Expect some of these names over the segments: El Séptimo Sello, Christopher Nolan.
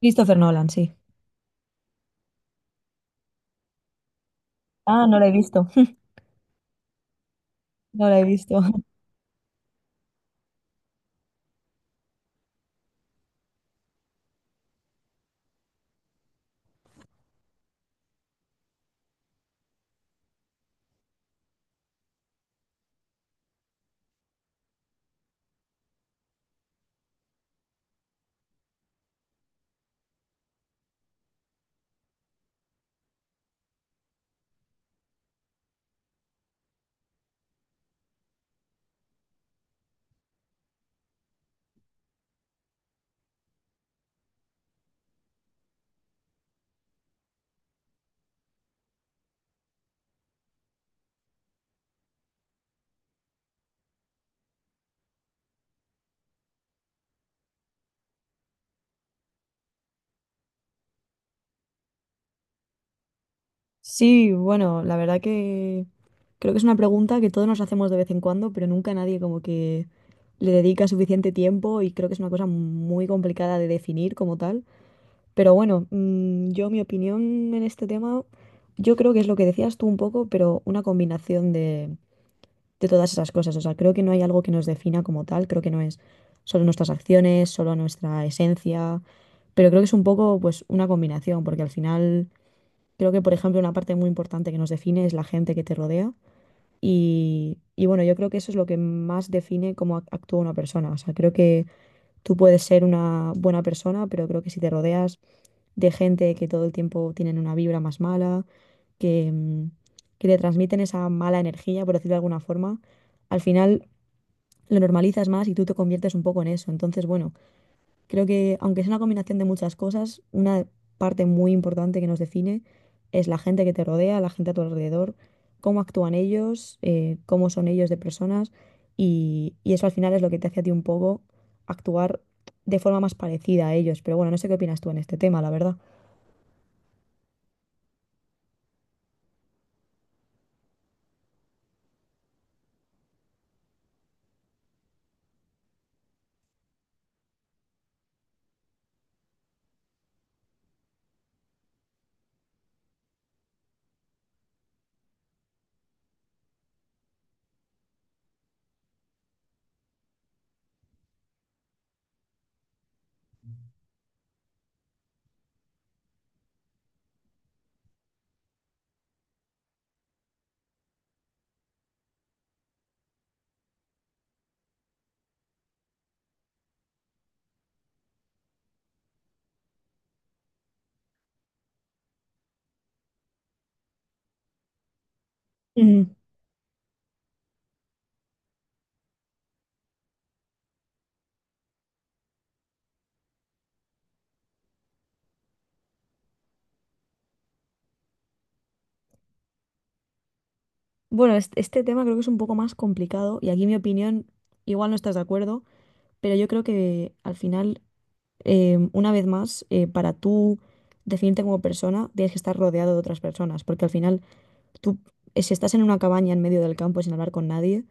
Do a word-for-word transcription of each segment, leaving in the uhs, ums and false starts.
Christopher Nolan, sí. Ah, no la he visto. No la he visto. Sí, bueno, la verdad que creo que es una pregunta que todos nos hacemos de vez en cuando, pero nunca nadie como que le dedica suficiente tiempo y creo que es una cosa muy complicada de definir como tal. Pero bueno, mm, yo mi opinión en este tema, yo creo que es lo que decías tú un poco, pero una combinación de de todas esas cosas. O sea, creo que no hay algo que nos defina como tal, creo que no es solo nuestras acciones, solo nuestra esencia, pero creo que es un poco pues una combinación, porque al final creo que, por ejemplo, una parte muy importante que nos define es la gente que te rodea y, y bueno, yo creo que eso es lo que más define cómo ac- actúa una persona. O sea, creo que tú puedes ser una buena persona, pero creo que si te rodeas de gente que todo el tiempo tienen una vibra más mala, que... mm, que te transmiten esa mala energía, por decirlo de alguna forma, al final lo normalizas más y tú te conviertes un poco en eso. Entonces, bueno, creo que aunque es una combinación de muchas cosas, una parte muy importante que nos define es la gente que te rodea, la gente a tu alrededor, cómo actúan ellos, eh, cómo son ellos de personas y, y eso al final es lo que te hace a ti un poco actuar de forma más parecida a ellos. Pero bueno, no sé qué opinas tú en este tema, la verdad. Mm. Bueno, este, este tema creo que es un poco más complicado y aquí mi opinión, igual no estás de acuerdo, pero yo creo que al final em, una vez más, eh, para tú definirte como persona, tienes que estar rodeado de otras personas, porque al final tú, eh, si estás en una cabaña en medio del campo sin hablar con nadie,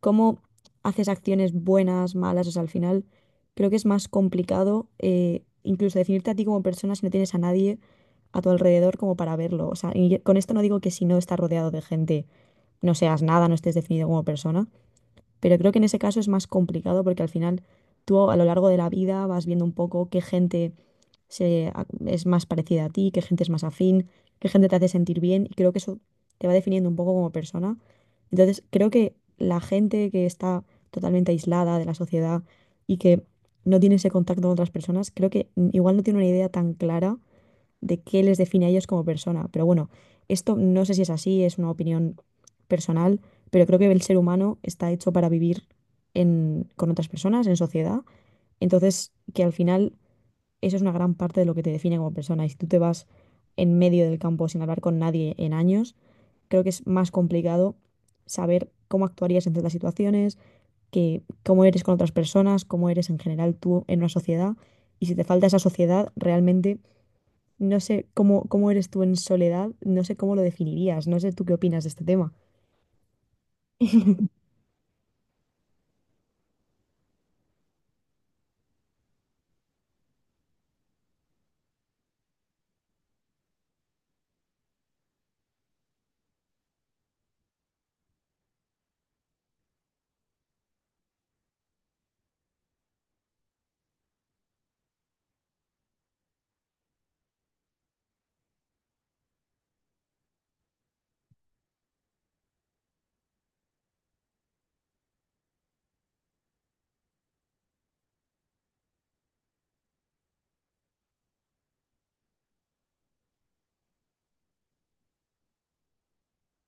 ¿cómo haces acciones buenas, malas? O sea, al final creo que es más complicado eh, incluso definirte a ti como persona si no tienes a nadie a tu alrededor como para verlo. O sea, y yo- con esto no digo que si no estás rodeado de gente no seas nada, no estés definido como persona, pero creo que en ese caso es más complicado porque al final tú a lo largo de la vida vas viendo un poco qué gente se, a- es más parecida a ti, qué gente es más afín, qué gente te hace sentir bien y creo que eso te va definiendo un poco como persona. Entonces, creo que la gente que está totalmente aislada de la sociedad y que no tiene ese contacto con otras personas, creo que mm, igual no tiene una idea tan clara de qué les define a ellos como persona. Pero bueno, esto no sé si es así, es una opinión personal, pero creo que el ser humano está hecho para vivir en- con otras personas, en sociedad. Entonces, que al final eso es una gran parte de lo que te define como persona. Y si tú te vas en medio del campo sin hablar con nadie en años, creo que es más complicado saber cómo actuarías en ciertas situaciones, que, cómo eres con otras personas, cómo eres en general tú en una sociedad. Y si te falta esa sociedad, realmente no sé cómo, cómo eres tú en soledad, no sé cómo lo definirías, no sé tú qué opinas de este tema.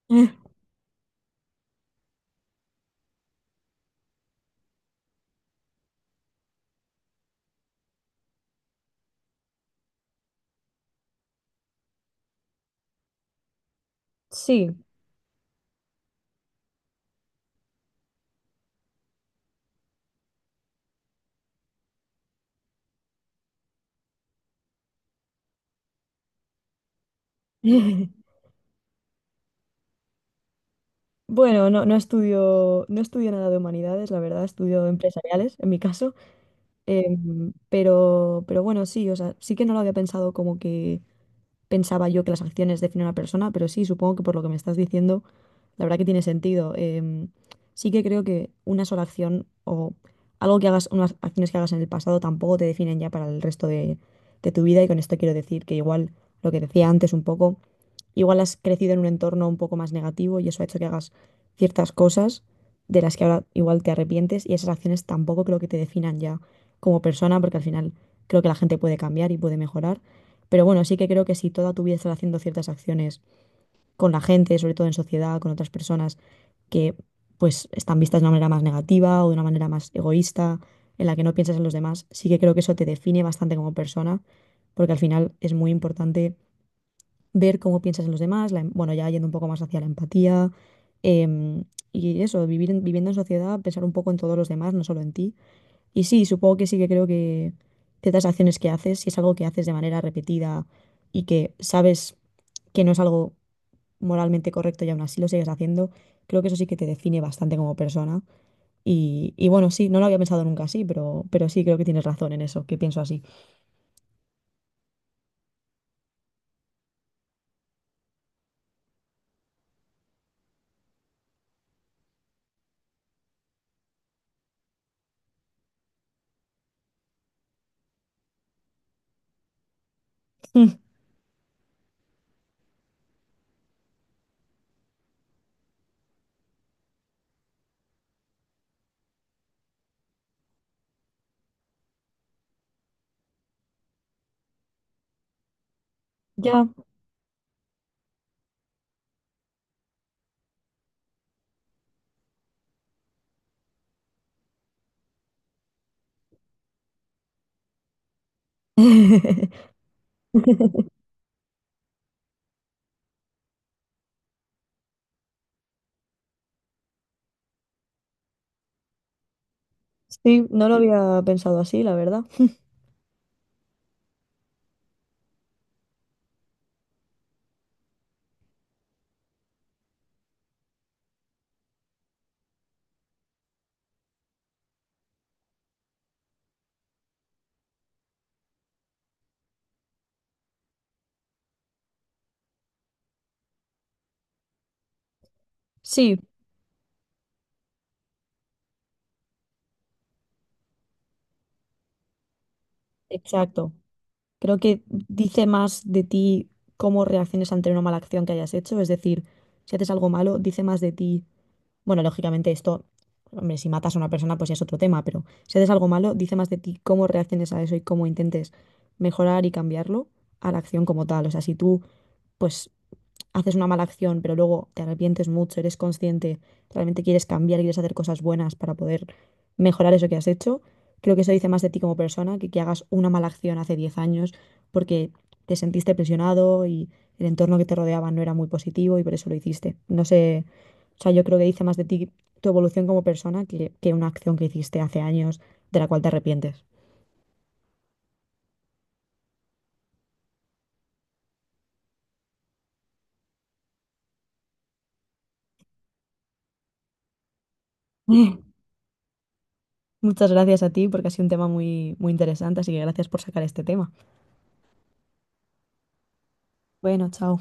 Sí. Bueno, no, no estudio, no estudio nada de humanidades, la verdad, estudio empresariales, en mi caso. Em, pero, pero bueno, sí, o sea, sí que no lo había pensado como que pensaba yo que las acciones definen a una persona, pero sí, supongo que por lo que me estás diciendo, la verdad que tiene sentido. Em, sí que creo que una sola acción o algo que hagas, unas acciones que hagas en el pasado tampoco te definen ya para el resto de, de tu vida. Y con esto quiero decir que igual lo que decía antes un poco, igual has crecido en un entorno un poco más negativo y eso ha hecho que hagas ciertas cosas de las que ahora igual te arrepientes y esas acciones tampoco creo que te definan ya como persona, porque al final creo que la gente puede cambiar y puede mejorar pero bueno, sí que creo que si toda tu vida estás haciendo ciertas acciones con la gente, sobre todo en sociedad, con otras personas que pues están vistas de una manera más negativa o de una manera más egoísta, en la que no piensas en los demás, sí que creo que eso te define bastante como persona, porque al final es muy importante ver cómo piensas en los demás, la em- bueno, ya yendo un poco más hacia la empatía, em, y eso, vivir en- viviendo en sociedad, pensar un poco en todos los demás, no solo en ti, y sí, supongo que sí que creo que ciertas acciones que haces, si es algo que haces de manera repetida y que sabes que no es algo moralmente correcto y aún así lo sigues haciendo, creo que eso sí que te define bastante como persona. Y, y bueno, sí, no lo había pensado nunca así, pero, pero sí creo que tienes razón en eso, que pienso así. Mm. Ya. Sí, no lo había pensado así, la verdad. Sí, exacto. Creo que dice más de ti cómo reacciones ante una mala acción que hayas hecho. Es decir, si haces algo malo, dice más de ti. Bueno, lógicamente esto, hombre, si matas a una persona, pues ya es otro tema, pero si haces algo malo, dice más de ti cómo reacciones a eso y cómo intentes mejorar y cambiarlo a la acción como tal. O sea, si tú, pues haces una mala acción, pero luego te arrepientes mucho, eres consciente, realmente quieres cambiar, quieres hacer cosas buenas para poder mejorar eso que has hecho, creo que eso dice más de ti como persona que que hagas una mala acción hace diez años porque te sentiste presionado y el entorno que te rodeaba no era muy positivo y por eso lo hiciste. No sé, o sea, yo creo que dice más de ti tu evolución como persona que, que una acción que hiciste hace años de la cual te arrepientes. Muchas gracias a ti porque ha sido un tema muy, muy interesante, así que gracias por sacar este tema. Bueno, chao.